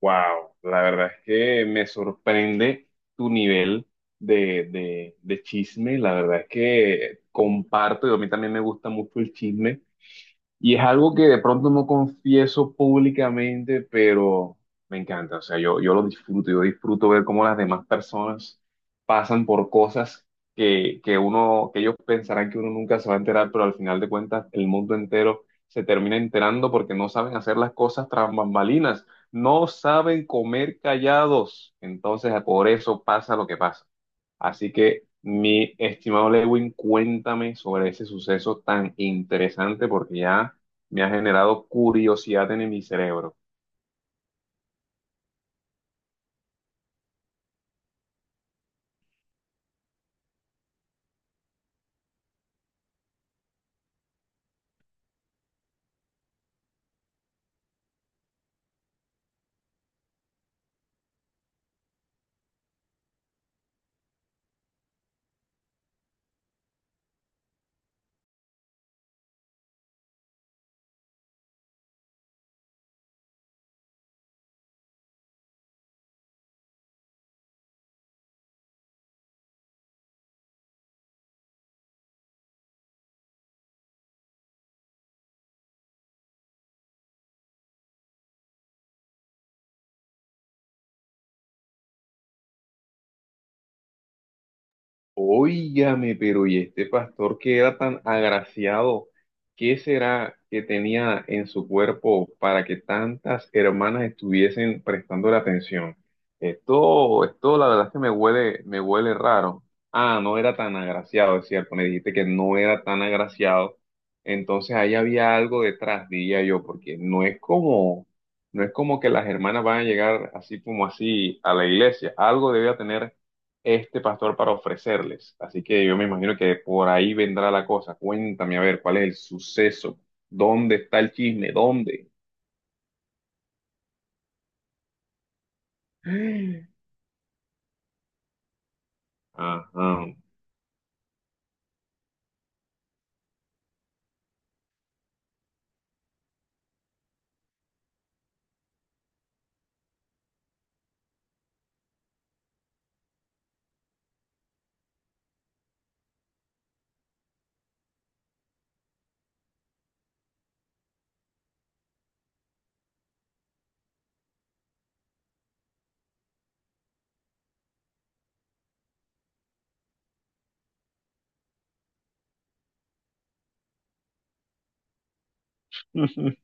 Wow, la verdad es que me sorprende tu nivel de chisme. La verdad es que comparto, y a mí también me gusta mucho el chisme. Y es algo que de pronto no confieso públicamente, pero me encanta. O sea, yo lo disfruto, yo disfruto ver cómo las demás personas pasan por cosas que ellos pensarán que uno nunca se va a enterar, pero al final de cuentas el mundo entero se termina enterando porque no saben hacer las cosas tras bambalinas, no saben comer callados. Entonces, por eso pasa lo que pasa. Así que, mi estimado Lewin, cuéntame sobre ese suceso tan interesante porque ya me ha generado curiosidad en mi cerebro. Óigame, pero ¿y este pastor que era tan agraciado? ¿Qué será que tenía en su cuerpo para que tantas hermanas estuviesen prestando la atención? Esto la verdad es que me huele raro. Ah, no era tan agraciado, es cierto, me dijiste que no era tan agraciado. Entonces ahí había algo detrás, diría yo, porque no es como, no es como que las hermanas van a llegar así como así a la iglesia. Algo debía tener este pastor para ofrecerles. Así que yo me imagino que por ahí vendrá la cosa. Cuéntame, a ver, ¿cuál es el suceso? ¿Dónde está el chisme? ¿Dónde? Ajá.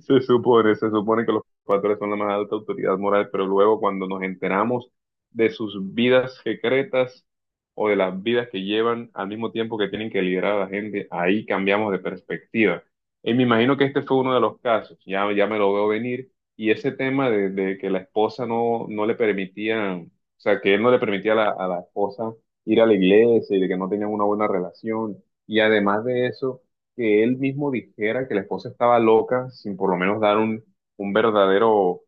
Se supone que los pastores son la más alta autoridad moral, pero luego cuando nos enteramos de sus vidas secretas o de las vidas que llevan al mismo tiempo que tienen que liderar a la gente, ahí cambiamos de perspectiva. Y me imagino que este fue uno de los casos, ya, ya me lo veo venir, y ese tema de que la esposa no, no le permitía, o sea, que él no le permitía a la esposa ir a la iglesia y de que no tenían una buena relación, y además de eso que él mismo dijera que la esposa estaba loca sin por lo menos dar un verdadero,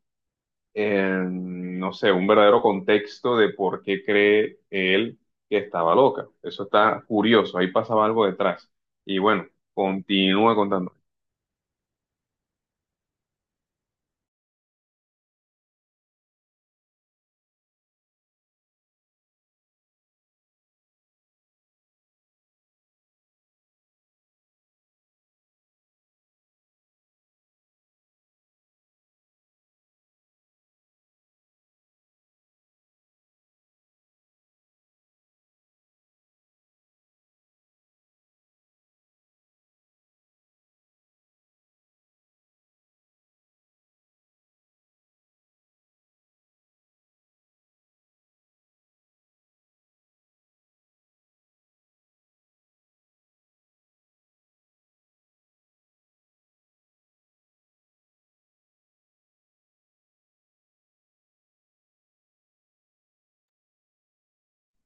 no sé, un verdadero contexto de por qué cree él que estaba loca. Eso está curioso, ahí pasaba algo detrás. Y bueno, continúa contando.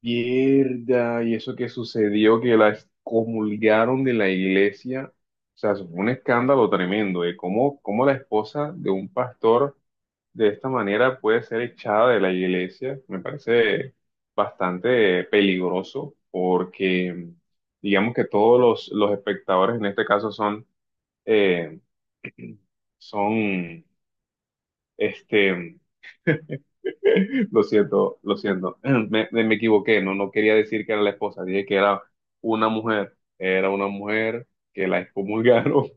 Mierda, y eso que sucedió, que la excomulgaron de la iglesia, o sea, eso fue un escándalo tremendo, de cómo, cómo la esposa de un pastor de esta manera puede ser echada de la iglesia. Me parece bastante peligroso porque digamos que todos los espectadores en este caso son, eh, son, este, lo siento, me equivoqué, no, no quería decir que era la esposa, dije que era una mujer que la excomulgaron.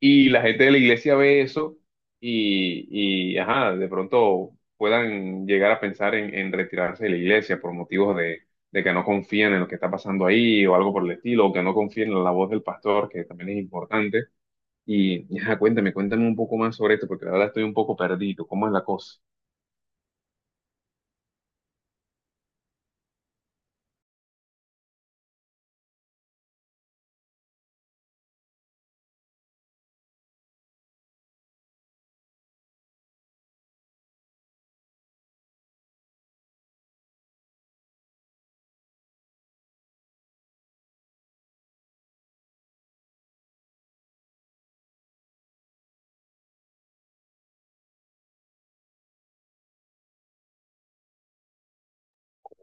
Y la gente de la iglesia ve eso ajá, de pronto puedan llegar a pensar en retirarse de la iglesia por motivos de que no confían en lo que está pasando ahí o algo por el estilo, o que no confíen en la voz del pastor, que también es importante. Y, ajá, cuéntame, cuéntame un poco más sobre esto, porque la verdad estoy un poco perdido. ¿Cómo es la cosa?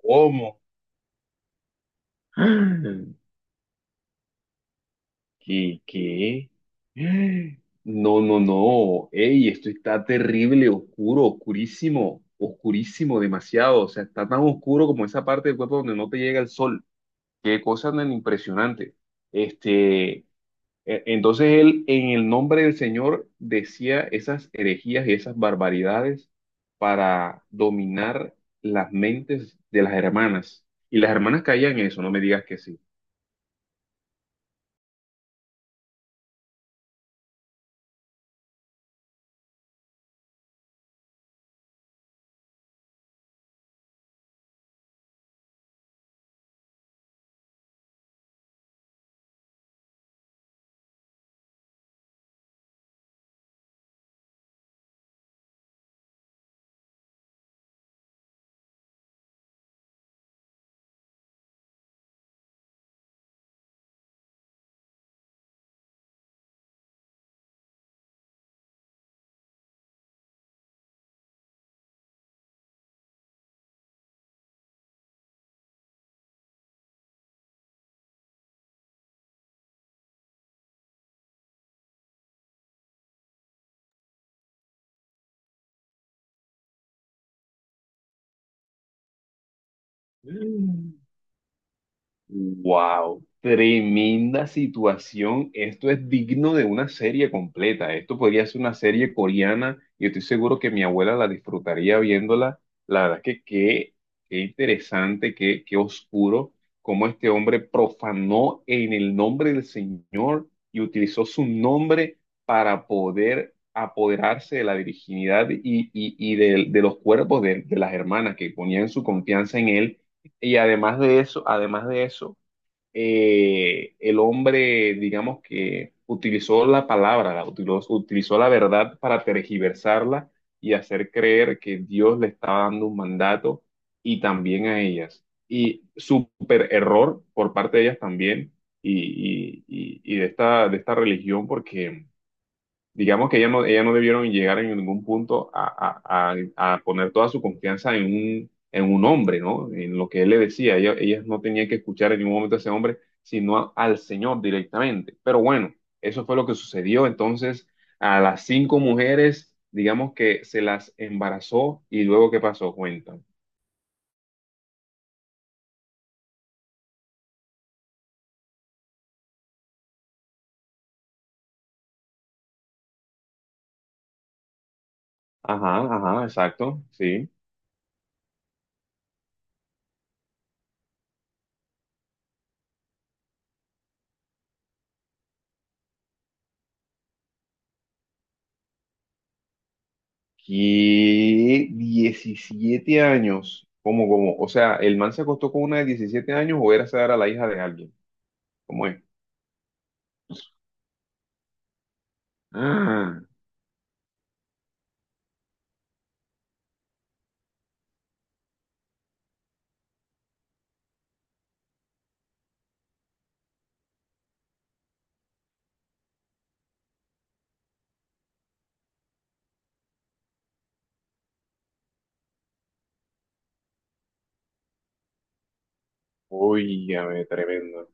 ¿Cómo? ¿Qué, qué? No, no, no. Ey, esto está terrible, oscuro, oscurísimo, oscurísimo, demasiado. O sea, está tan oscuro como esa parte del cuerpo donde no te llega el sol. Qué cosa tan impresionante. Este, entonces él, en el nombre del Señor, decía esas herejías y esas barbaridades para dominar las mentes de las hermanas. Y las hermanas caían en eso, no me digas que sí. Wow, tremenda situación. Esto es digno de una serie completa. Esto podría ser una serie coreana y estoy seguro que mi abuela la disfrutaría viéndola. La verdad es que qué, qué interesante, qué, qué oscuro cómo este hombre profanó en el nombre del Señor y utilizó su nombre para poder apoderarse de la virginidad y, y de los cuerpos de las hermanas que ponían su confianza en él. Y además de eso el hombre, digamos que utilizó la palabra, la utilizó, utilizó la verdad para tergiversarla y hacer creer que Dios le estaba dando un mandato y también a ellas. Y súper error por parte de ellas también y de esta religión porque digamos que ella no debieron llegar en ningún punto a, a poner toda su confianza en un hombre, ¿no? En lo que él le decía. Ella, ellas no tenían que escuchar en ningún momento a ese hombre, sino al Señor directamente. Pero bueno, eso fue lo que sucedió. Entonces, a las 5 mujeres, digamos que se las embarazó y luego, ¿qué pasó? Cuentan. Ajá, ajá, exacto, sí. ¿Qué? 17 años. ¿Cómo, cómo? O sea, ¿el man se acostó con una de 17 años o era esa era la hija de alguien? ¿Cómo es? Ah, oye, tremendo.